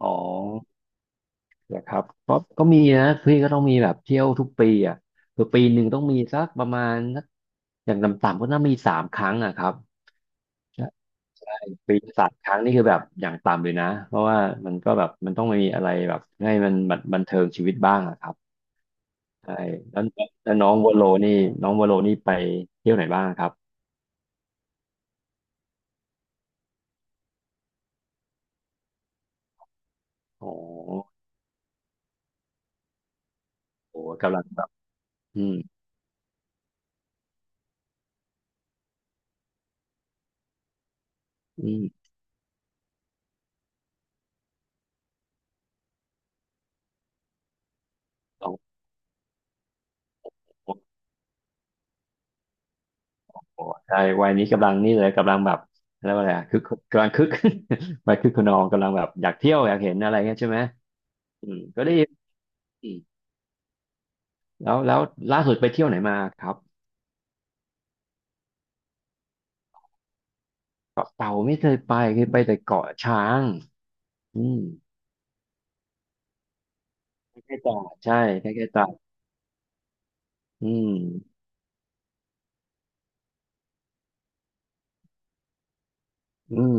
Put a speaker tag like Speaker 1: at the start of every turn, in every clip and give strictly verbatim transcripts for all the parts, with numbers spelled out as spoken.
Speaker 1: อ๋อนะครับก็ก็มีนะพี่ก็ต้องมีแบบเที่ยวทุกปีอ่ะคือปีหนึ่งต้องมีสักประมาณสักอย่างต่ำๆก็น่ามีสามครั้งอ่ะครับใช่ใช่ปีละสามครั้งนี่คือแบบอย่างต่ำเลยนะเพราะว่ามันก็แบบมันต้องมีอะไรแบบให้มันบันบันเทิงชีวิตบ้างอ่ะครับใช่แล้วแล้วน้องวโลนี่น้องวโลนี่ไปเที่ยวไหนบ้างครับอ๋อโหกำลังแบบอืมอืมอ๋อ โอ้ใช่วัยนี้กำลังนี่เลยกำลังแบบแล้วาอะไรอะคือกำลังคึก วัยคึกขนองกำลังแบบอยากเที่ยวอยากเห็นอะไรเงี้ยใช่ไหมอืมก็ได้อืมแล้วแล้วล่าสุดไปเที่ยวไหนมาครับเกาะเต่าไม่เคยไปเคยไปแต่เกาะช้างอืมใกล้ๆตราดใช่ใกล้ๆตราดอืมอืม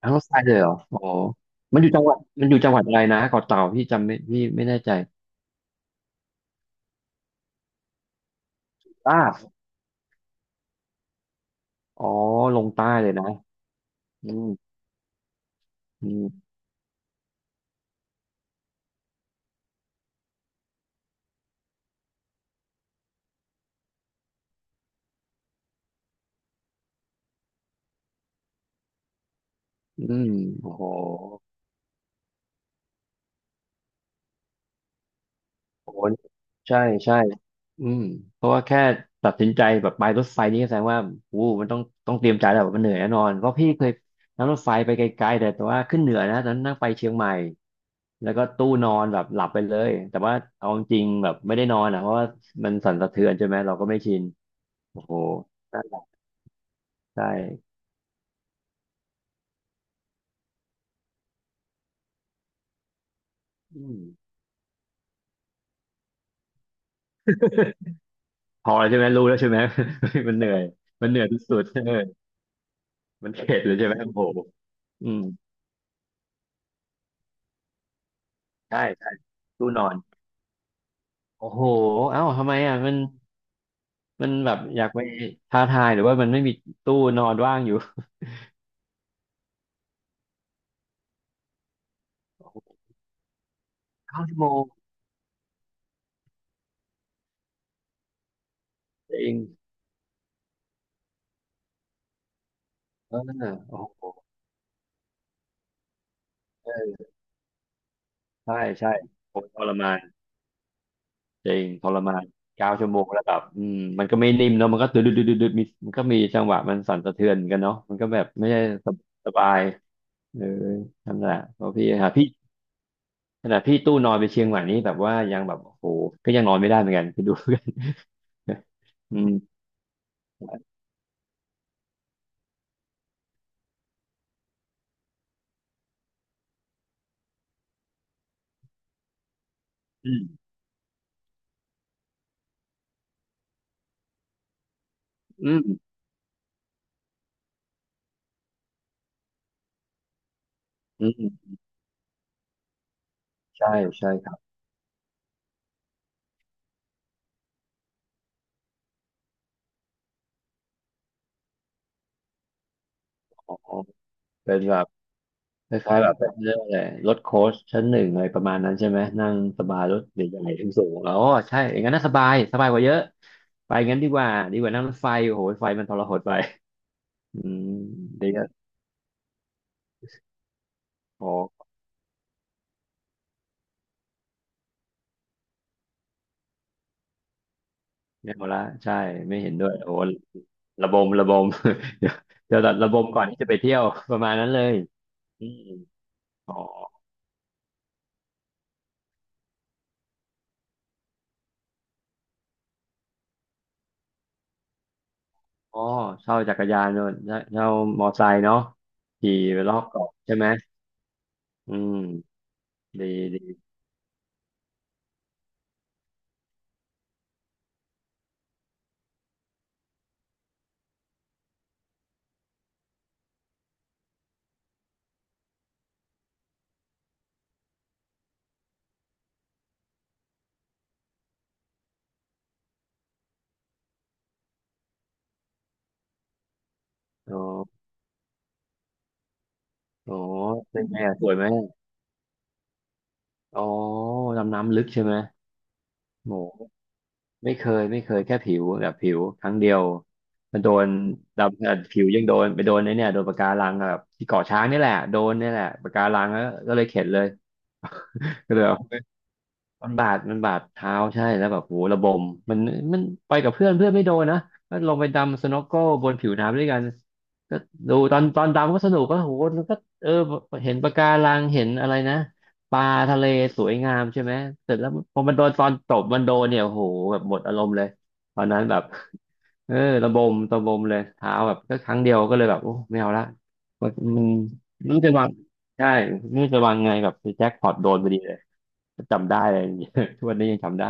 Speaker 1: ทางรถไฟเลยเหรออ๋อมันอยู่จังหวัดมันอยู่จังหวัดอะไรนะเกาะเต่าพี่จำไม่พี่ไม่แน่ใจลาดอ๋อลงใต้เลยนะอืมอืมอืมโอ้โห โอ้โหใช่ใช่อืมเพราะว่าแค่ตัดสินใจแบบไปรถไฟนี่ก็แสดงว่าอู้มันต้องต้องเตรียมใจแล้ววบบมันเหนื่อยแน่นอนเพราะพี่เคยนั่งรถไฟไปไกลๆแต่แต่ว่าขึ้นเหนือนะตอนนั้นนั่งไปเชียงใหม่แล้วก็ตู้นอนแบบหลับไปเลยแต่ว่าเอาจริงๆแบบไม่ได้นอนอ่ะเพราะว่ามันสั่นสะเทือนใช่ไหมเราก็ไม่ชินโอ้โหนั่นแหละใช่อืม พอแล้วใช่ไหมรู้แล้วใช่ไหม มันเหนื่อยมันเหนื่อยที่สุดเออมันเข็ดเลยใช่ไหมโอ้โหอืมใช่ใช่ตู้นอน โอ้โหเอ้าทำไมอ่ะมันมันแบบอยากไปท้าทาย หรือว่ามันไม่มีตู้นอนว่างอยู่โอ้โหเก้าชั่วโมงจริงเออโอ้โหเออใช่ใช่โหทรมานจริงทรมานเก้าชั่วโมงแล้วแบบอืมมันก็ไม่นิ่มเนาะมันก็ดึดดึดดุดดดมีมันก็มีจังหวะมันสั่นสะเทือนเหมือนกันเนาะมันก็แบบไม่ใช่สบสบายเออนั่นแหละเพราะพี่หาพี่ขนาดพี่ตู้นอนไปเชียงใหม่นี่แบบว่ายังแบบโอ้โหก็ยังนอนไม่ได้เหมือนกันไปดู กันอืมอืมอืมอืมใช่ใช่ครับ อ๋อเป็นแบบคล้ายๆแบบเป็นเรื่องอะไรรถโค้ชชั้นหนึ่งอะไรประมาณนั้นใช่ไหมนั่งสบายรถใหญ่ๆถึงสูงอ๋อใช่อย่างนั้นน่าสบายสบายกว่าเยอะไปงั้นดีกว่าดีกว่านั่งรถไฟโอ้โหไฟมันทรหดไปอืมดีก็พอไม่เอาละใช่ไม่เห็นด้วยโอ้ระบมระบม เดี๋ยวเดี๋ยวระบมก่อนที่จะไปเที่ยวประมาณนั้นเลยอืมอ๋ออ๋อเช่าจักรยานเนอะเช่ามอไซค์เนาะขี่ไปรอบเกาะใช่ไหมอืมดีดีอ๋อ อ๋อเป็นไงอะสวยไหมอ๋อดำน้ำลึกใช่ไหมโหไม่เคยไม่เคยแค่ผิวแบบผิวครั้งเดียวมันโดนดำขนาดผิวยังโดนไปโดนไอ้เนี่ยโดนปะการังอะแบบที่เกาะช้างนี่แหละโดนนี่แหละปะการังแล้วก็เลยเข็ดเลย ก็เลยเอา มันบาดมันบาดเท้าใช่แล้วแบบโหระบมมันมันไปกับเพื่อนเพื่อนไม่โดนนะก็ลงไปดำสโนว์โก้บนผิวน้ำด้วยกันก็ดูตอนตอนดำก็สนุกก็โหมันก็เออเห็นปะการังเห็นอะไรนะปลาทะเลสวยงามใช่ไหมเสร็จแล้วพอมันโดนตอนตบมันโดนเนี่ยโอ้โหแบบหมดอารมณ์เลยตอนนั้นแบบเออระบมระบมเลยเท้าแบบก็ครั้งเดียวก็เลยแบบโอ้ไม่เอาละมันมันมันจะวาง ใช่ไม่รู้จะวางไงแบบแจ็คพอตโดนพอดีเลย จำได้เลย ทุกวันนี้ยังจำได้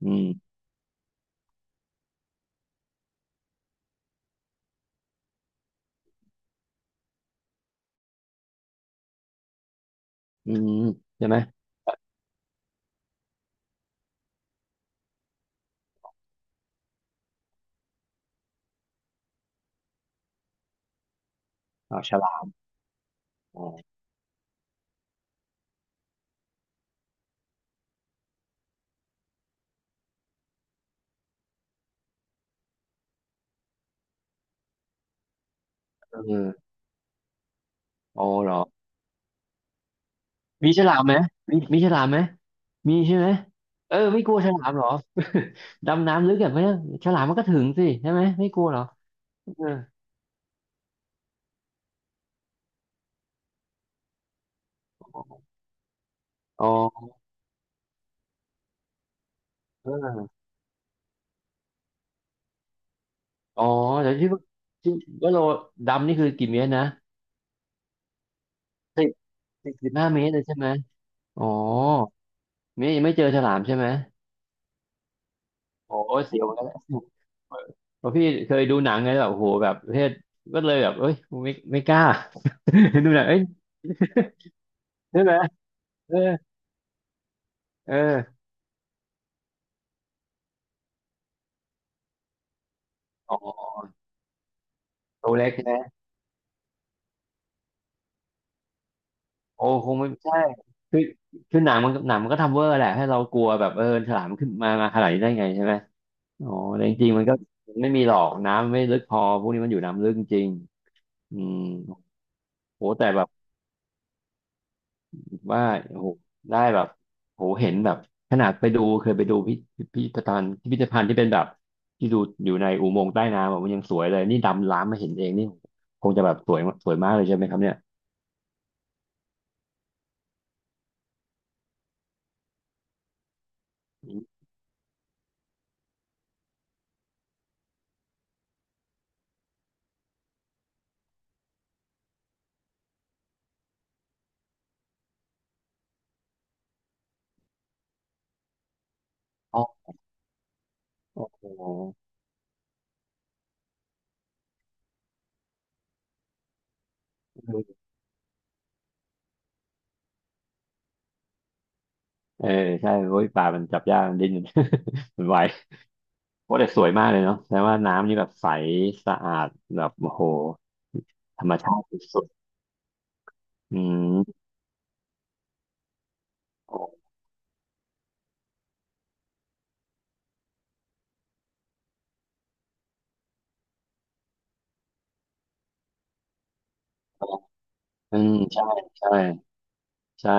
Speaker 1: อืมอืมใช่ไหมอ๋อฉลามอ๋อเออโอ้เหรอ มีฉลามไหมมีมีฉลามไหมมีใช่ไหมเออไม่กลัวฉลามเหรอ ดำน้ำลึกแบบนี้ฉลามมันก็ถึงสิใช่ไหมไม่กลัวเหรอเอออ๋อเอออ๋อแต่ที่ว่าที่ว่าเราดำนี่คือกี่เมตรนะสิบสิบห้าเมตรเลยใช่ไหมอ๋อเมตรยังไม่เจอฉลามใช่ไหม โอ้เสียวกันแล้วเพราะพี่เคยดูหนังไงแบบโอ้โหแบบประเภทก็เลยแบบเอ้ยกูไม่ไม่กล้า เห็นดูหนังเอ้ยใช่ไหมเออเอออ๋อตัวเล็กใช่ไหมโอ้คงไม่ใช่คือคือหนังมันหนังมันก็ทำเวอร์แหละให้เรากลัวแบบเออฉลามขึ้นมามาขนาดนี้ได้ไงใช่ไหมอ๋อแต่จริงๆมันก็ไม่มีหรอกน้ำไม่ลึกพอพวกนี้มันอยู่น้ำลึกจริงอืมโหแต่แบบ ว่าโอ้โหได้แบบโอ้โหเห็นแบบขนาดไปดูเคยไปดูพิพิพิธภัณฑ์พิพิธภัณฑ์ที่เป็นแบบที่ดูอยู่ในอุโมงค์ใต้น้ำอะมันยังสวยเลยนี่ดำล้ำมาเห็นเองนี่คงจะแบบสวยสวยมากเลยใช่ไหมครับเนี่ยอ๋อโอ้โหเออใช่โอ้ยปลามันจับยากมันดิ้น มันไวโอ้แต่สวยมากเลยเนาะแต่ว่าน้ำนี่แบบใสสะอาดแบบโอ้โหธรรมชาติสุดๆอืมโอ้อืมใช่ใช่ใช่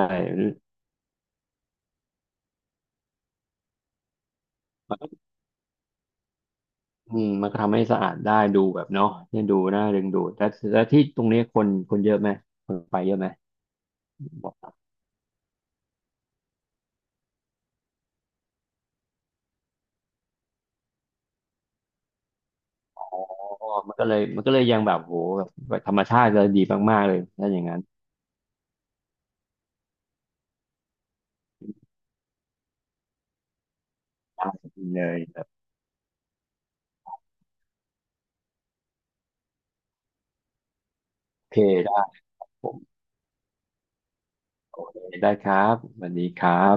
Speaker 1: อืมมันก็ทำให้สะอาดได้ดูแบบเนาะเนี่ยดูน่าดึงดูดแต่แต่ที่ตรงนี้คนคนเยอะไหมคนไปเยอะไหมบอกอ๋อมันก็เลยมันก็เลยยังแบบโหแบบธรรมชาติเลยดีมากๆเลยถ้าอย่างนั้นได้เลยแบบโอเคได้ผมโอเคได้ครับสวัสดีครับ